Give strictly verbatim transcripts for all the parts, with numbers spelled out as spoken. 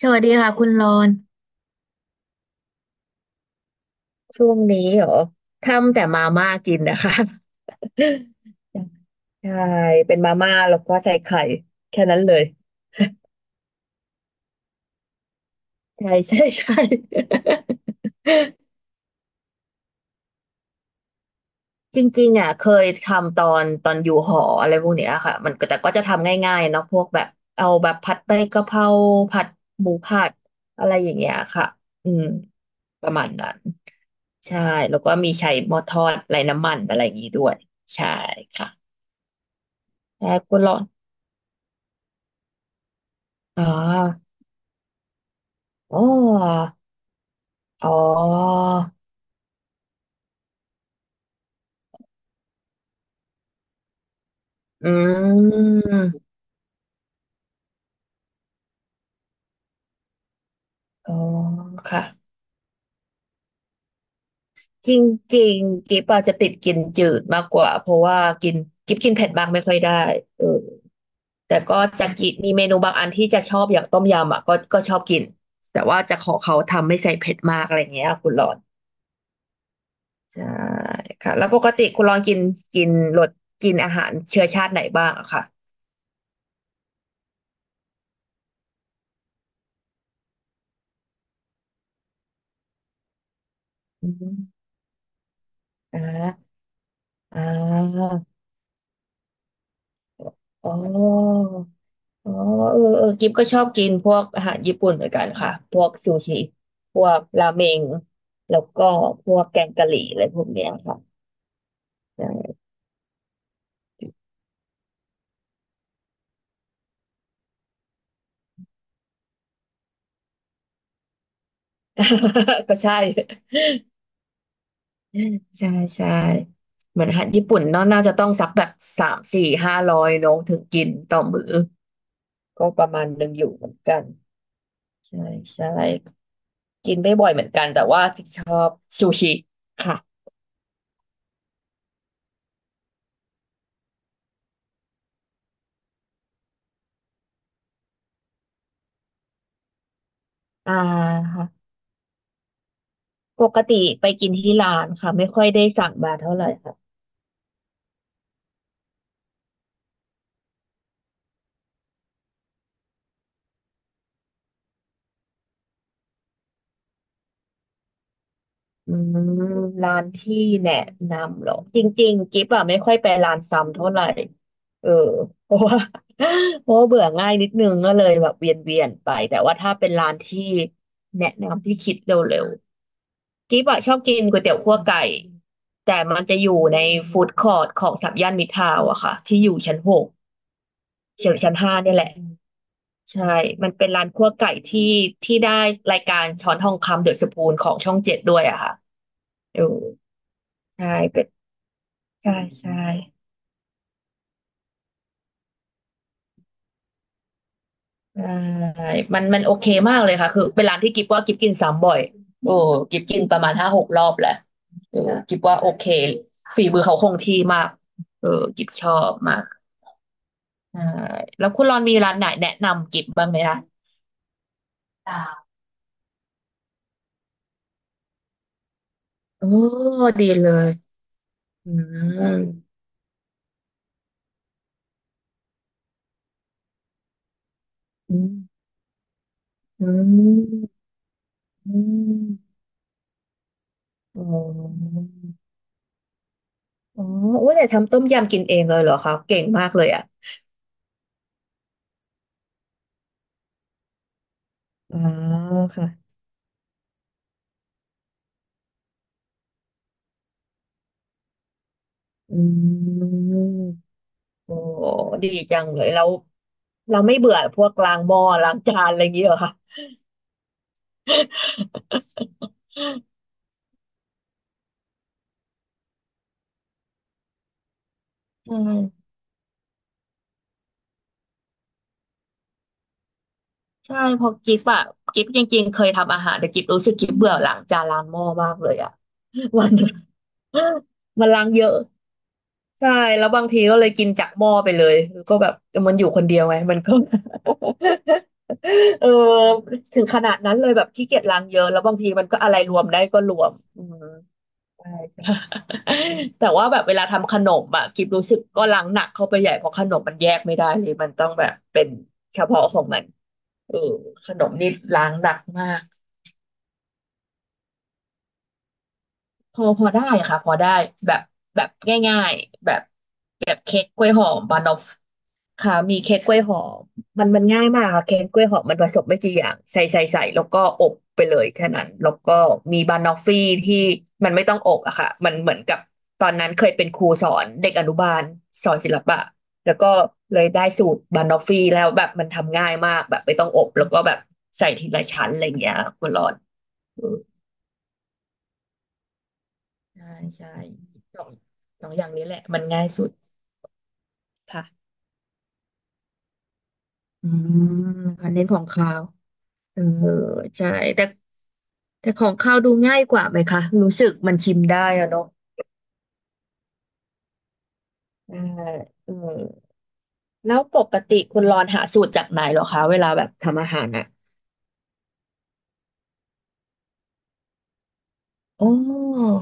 สวัสดีค่ะคุณรอนช่วงนี้เหรอทำแต่มาม่ากินนะคะใช่เป็นมาม่าแล้วก็ใส่ไข่แค่นั้นเลยใช่ใช่ใช่ จริงๆอ่ะเคยทำตอนตอนอยู่หออะไรพวกเนี้ยค่ะมันก็แต่ก็จะทำง่ายๆเนาะพวกแบบเอาแบบผัดใบกะเพราผัดหมูผัดอะไรอย่างเงี้ยค่ะอืมประมาณนั้นใช่แล้วก็มีใช้หม้อทอดไร้น้ำมันอะไรอย่างงี้ด้วยใช่ค่ะแต่คุณรอนอ๋ออ๋อ อ๋ออืมอ๋อค่ะ จริงๆกิ๊บอาจจะติดกินจืดมากกว่าเพราะว่ากินกิ๊บกินเผ็ดมากไม่ค่อยได้เออแต่ก็จะกินมีเมนูบางอันที่จะชอบอย่างต้มยำอ่ะก็ก็ชอบกินแต่ว่าจะขอเขาทำไม่ใส่เผ็ดมากอะไรอย่างเงี้ยคุณรอนใช่ค่ะแล้วปกติคุณรอนกินกินรสกินอาหารเชื้อชาติไหนบ้างอะค่ะอืมอ่าอ่าอ๋อ อ๋อเออเออกิฟก็ชอบกินพวกอาหารญี่ปุ่นเหมือนกันค่ะพวกซูชิพวกราเมงแล้วก็พวกแกงกะหรี่อะไรพวกเนี้ยค่ะ ใช่ ก็ใช่ใช่ใช่เหมือนอาหารญี่ปุ่นเนาะน่าจะต้องสักแบบสามสี่ห้าร้อยเนาะถึงกินต่อมื้อก็ประมาณหนึงอยู่เหมือนกันใช่ใช่กินไม่บ่อยเหมือนกันแต่ว่าซูชิค่ะอ่าค่ะปกติไปกินที่ร้านค่ะไม่ค่อยได้สั่งมาเท่าไหร่ค่ะ อืมร้านที่แนะนำเหรอจริงๆกิ๊บอะไม่ค่อยไปร้านซ้ำเท่าไหร่เออ เพราะว่า เพราะว่าเบื่อง่ายนิดนึงก็เลยแบบเวียนเวียนไปแต่ว่าถ้าเป็นร้านที่แนะนำที่คิดเร็วๆกิ๊บอะชอบกินก๋วยเตี๋ยวคั่วไก่แต่มันจะอยู่ในฟู้ดคอร์ทของสัมย่านมิตรทาวน์อะค่ะที่อยู่ชั้นหกเฉียวชั้นห้าเนี่ยแหละใช่มันเป็นร้านคั่วไก่ที่ที่ได้รายการช้อนทองคำเดอะสปูนของช่องเจ็ดด้วยอะค่ะเออใช่ ใช่ใช่ใช่มันมันโอเคมากเลยค่ะคือเป็นร้านที่กิฟว่ากิฟกินซ้ำบ่อยโอ้กิฟกินประมาณห้าหกรอบแหละเออกิฟว่าโอเคฝีมือเขาคงที่มากเออกิฟชอบมากใช่แล้วคุณรอนมีร้านไหนแนะนำกิฟบ้างไหมคะโอ้ดีเลยอืมอืมอืมอืมอ๋ออ๋อโอ้ยแต่ทำต้มยำกินเองเลยเหรอคะเก่งมากเลยอ่ะอ๋อค่ะอืม โอ้ดีจังเลยเราเราไม่เบื่อพวกล้างหม้อล้างจานอะไรอย่างเงี้ยเหรอคะใช่ใช่เพอกิฟอะกิฟจริงๆเคยทำอาหารแต่กิฟรู้สึกกิฟเบื่อล้างจานล้างหม้อมากเลยอะวันหนึ่งมันล้างเยอะใช่แล้วบางทีก็เลยกินจากหม้อไปเลยแล้วก็แบบมันอยู่คนเดียวไงมันก็ เออถึงขนาดนั้นเลยแบบขี้เกียจล้างเยอะแล้วบางทีมันก็อะไรรวมได้ก็รวมอืม ใช่ใช่ แต่ว่าแบบเวลาทำขนมอะกิบรู้สึกก็ล้างหนักเข้าไปใหญ่เพราะขนมมันแยกไม่ได้เลยมันต้องแบบเป็นเฉพาะของมันเออขนมนี่ล้างหนักมาก พอพอได้ค่ะพอได้แบบแบบง่ายๆแบบแบบเค้กกล้วยหอมบานอฟค่ะมีเค้กกล้วยหอมมันมันง่ายมากค่ะเค้กกล้วยหอมมันผสมไม่กี่อย่างใส่ใส่ใส่แล้วก็อบไปเลยแค่นั้นแล้วก็มีบานอฟฟี่ที่มันไม่ต้องอบอะค่ะมันเหมือนกับตอนนั้นเคยเป็นครูสอนเด็กอนุบาลสอนศิลปะแล้วก็เลยได้สูตรบานอฟฟี่แล้วแบบมันทำง่ายมากแบบไม่ต้องอบแล้วก็แบบใส่ทีละชั้นอะไรอย่างเงี้ยคุณรอน ใช่ใช่สองสองอย่างนี้แหละมันง่ายสุดค่ะอืมค่ะเน้นของคาวเออใช่แต่แต่ของคาวดูง่ายกว่าไหมคะรู้สึกมันชิมได้อะเนาะเออเออแล้วปกติคุณรอนหาสูตรจากไหนเหรอคะเวลาแบบทำอาหารอ่ะอ๋อ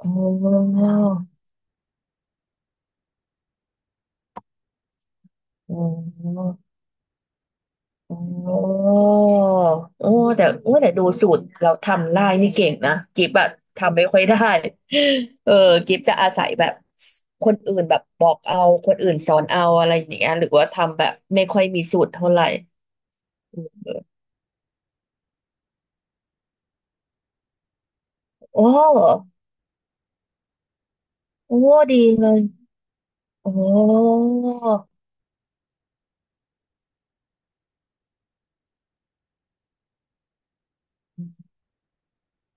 อ๋ออ๋อ โอ้โอ้แต่โอ้แต่ดูสูตรเราทำลายนี่เก่งนะกิฟต์อะทำไม่ค่อยได้เออกิฟต์จะอาศัยแบบคนอื่นแบบบอกเอาคนอื่นสอนเอาอะไรอย่างเงี้ยหรือว่าทำแบบไม่ค่อยมีสูตรเท่าไหร่โอ้โอ้ดีเลยโอ้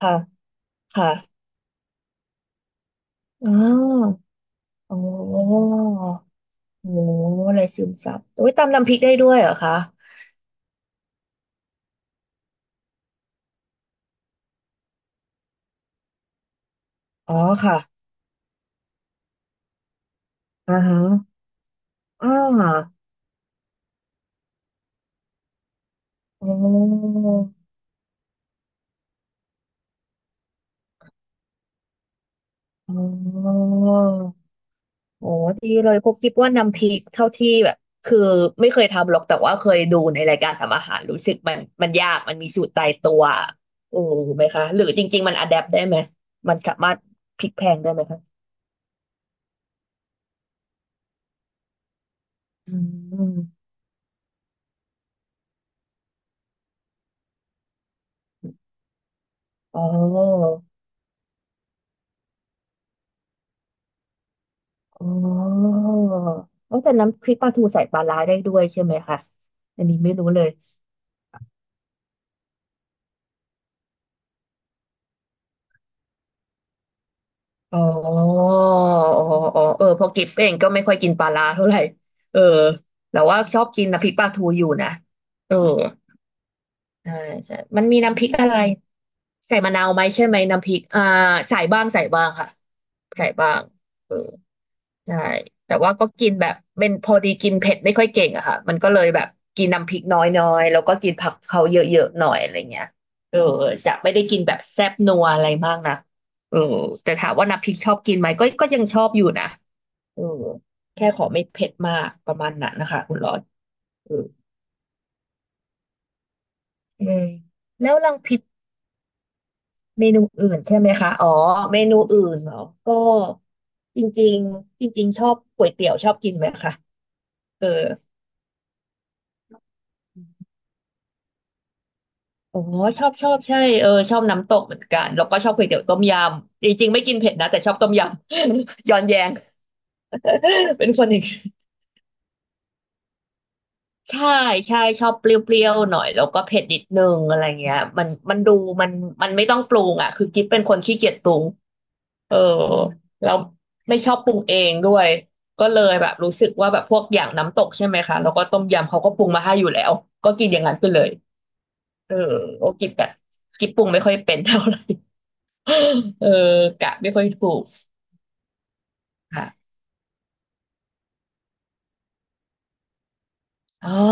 ค่ะค่ะอ๋ออ๋อโอ้โหอะไรซึมซับโอ้ยตำน้ำพริกได้ด้วยเหรอคะอ๋อค่ะอ่าฮะอ่าโอ้ อ๋อโอ้ดีเลยพวกคิดว่าน้ำพริกเท่าที่แบบคือไม่เคยทำหรอกแต่ว่าเคยดูในรายการทำอาหารรู้สึกมันมันยากมันมีสูตรตายตัวโอ้ไหมคะหรือจริงๆมันอะแดปได้ไหมมันสามารถพลิกแพลงได้ไหมคะอืมอ๋ออ๋อเอ้าแต่น้ำพริกปลาทูใส่ปลาร้าได้ด้วยใช่ไหมคะอันนี้ไม่รู้เลย อ๋ออ๋ออ๋อเออเพอกิฟเองก็ไม่ค่อยกินปลาร้าเท่าไหร่ เออแต่ว่าชอบกินน้ำพริกปลาทูอยู่นะ เออใช่ใช่มันมีน้ำพริกอะไร ใส่มะนาวไหมใช่ไหมน้ำพริก อ่า ใส่บ้างใส่บ้างค่ะ ใส่บ้างเออ ใช่แต่ว่าก็กินแบบเป็นพอดีกินเผ็ดไม่ค่อยเก่งอะค่ะมันก็เลยแบบกินน้ำพริกน้อยๆแล้วก็กินผักเขาเยอะๆ หน่อยอะไรเงี้ยเออจะไม่ได้กินแบบแซ่บนัวอะไรมากนะเออแต่ถามว่าน้ำพริกชอบกินไหมก็ก็ยังชอบอยู่นะเออแค่ขอไม่เผ็ดมากประมาณนั้นนะคะคุณรอนเออเออแล้วลังผิดเมนูอื่นใช่ไหมคะอ๋อเมนูอื่นเหรอก็จริงๆจริงๆชอบก๋วยเตี๋ยวชอบกินไหมคะเออ อ๋อชอบชอบใช่เออชอบน้ำตกเหมือนกันแล้วก็ชอบก๋วยเตี๋ยวต้มยำจริงๆไม่กินเผ็ดนะแต่ชอบต้มยำ ย้อนแยง เป็นคนอีกใช่ใช่ชอบเปรี้ยวๆหน่อยแล้วก็เผ็ดนิดนึงอะไรเงี้ยมันมันดูมันมันไม่ต้องปรุงอ่ะคือกิ๊บเป็นคนขี้เกียจปรุงเออแล้วไม่ชอบปรุงเองด้วยก็เลยแบบรู้สึกว่าแบบพวกอย่างน้ำตกใช่ไหมคะแล้วก็ต้มยำเขาก็ปรุงมาให้อยู่แล้วก็กินอย่างนั้นไปเลยเออโอกิ๊บแบบกิ๊บปรุงไม่ค่อยเป็นเท่าไหร่ เออกะไม่ค่อยถูกค่ะอ๋อ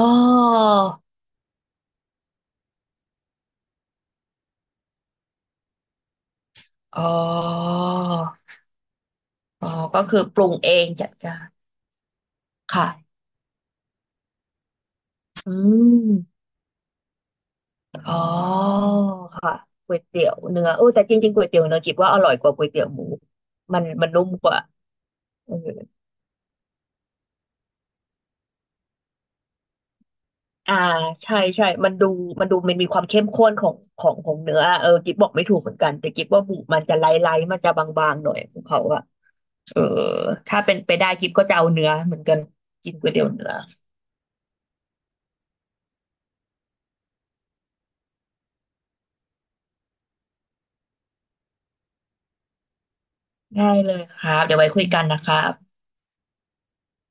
อ๋ออ๋อก็คือปรุงเองจัดการค่ะอืมอ๋อค่ะก๋วยเตี๋ยวเนื้อโอ้แต่จริงๆก๋วยเตี๋ยวเนื้อคิดว่าอร่อยกว่าก๋วยเตี๋ยวหมูมันมันนุ่มกว่าเออ อ่าใช่ใช่มันดูมันดูมันมีความเข้มข้นของของของเนื้อเออกิ๊บบอกไม่ถูกเหมือนกันแต่กิ๊บว่าบุมันจะไล่ไล่มันจะบางๆหน่อยของเขาอะเออถ้าเป็นไปได้กิ๊บก็จะเอาเนื้อเหมือนกันกินก๋วยเตี๋ยวเนื้อได้เลยครับเดี๋ยวไว้คุยกันนะครับ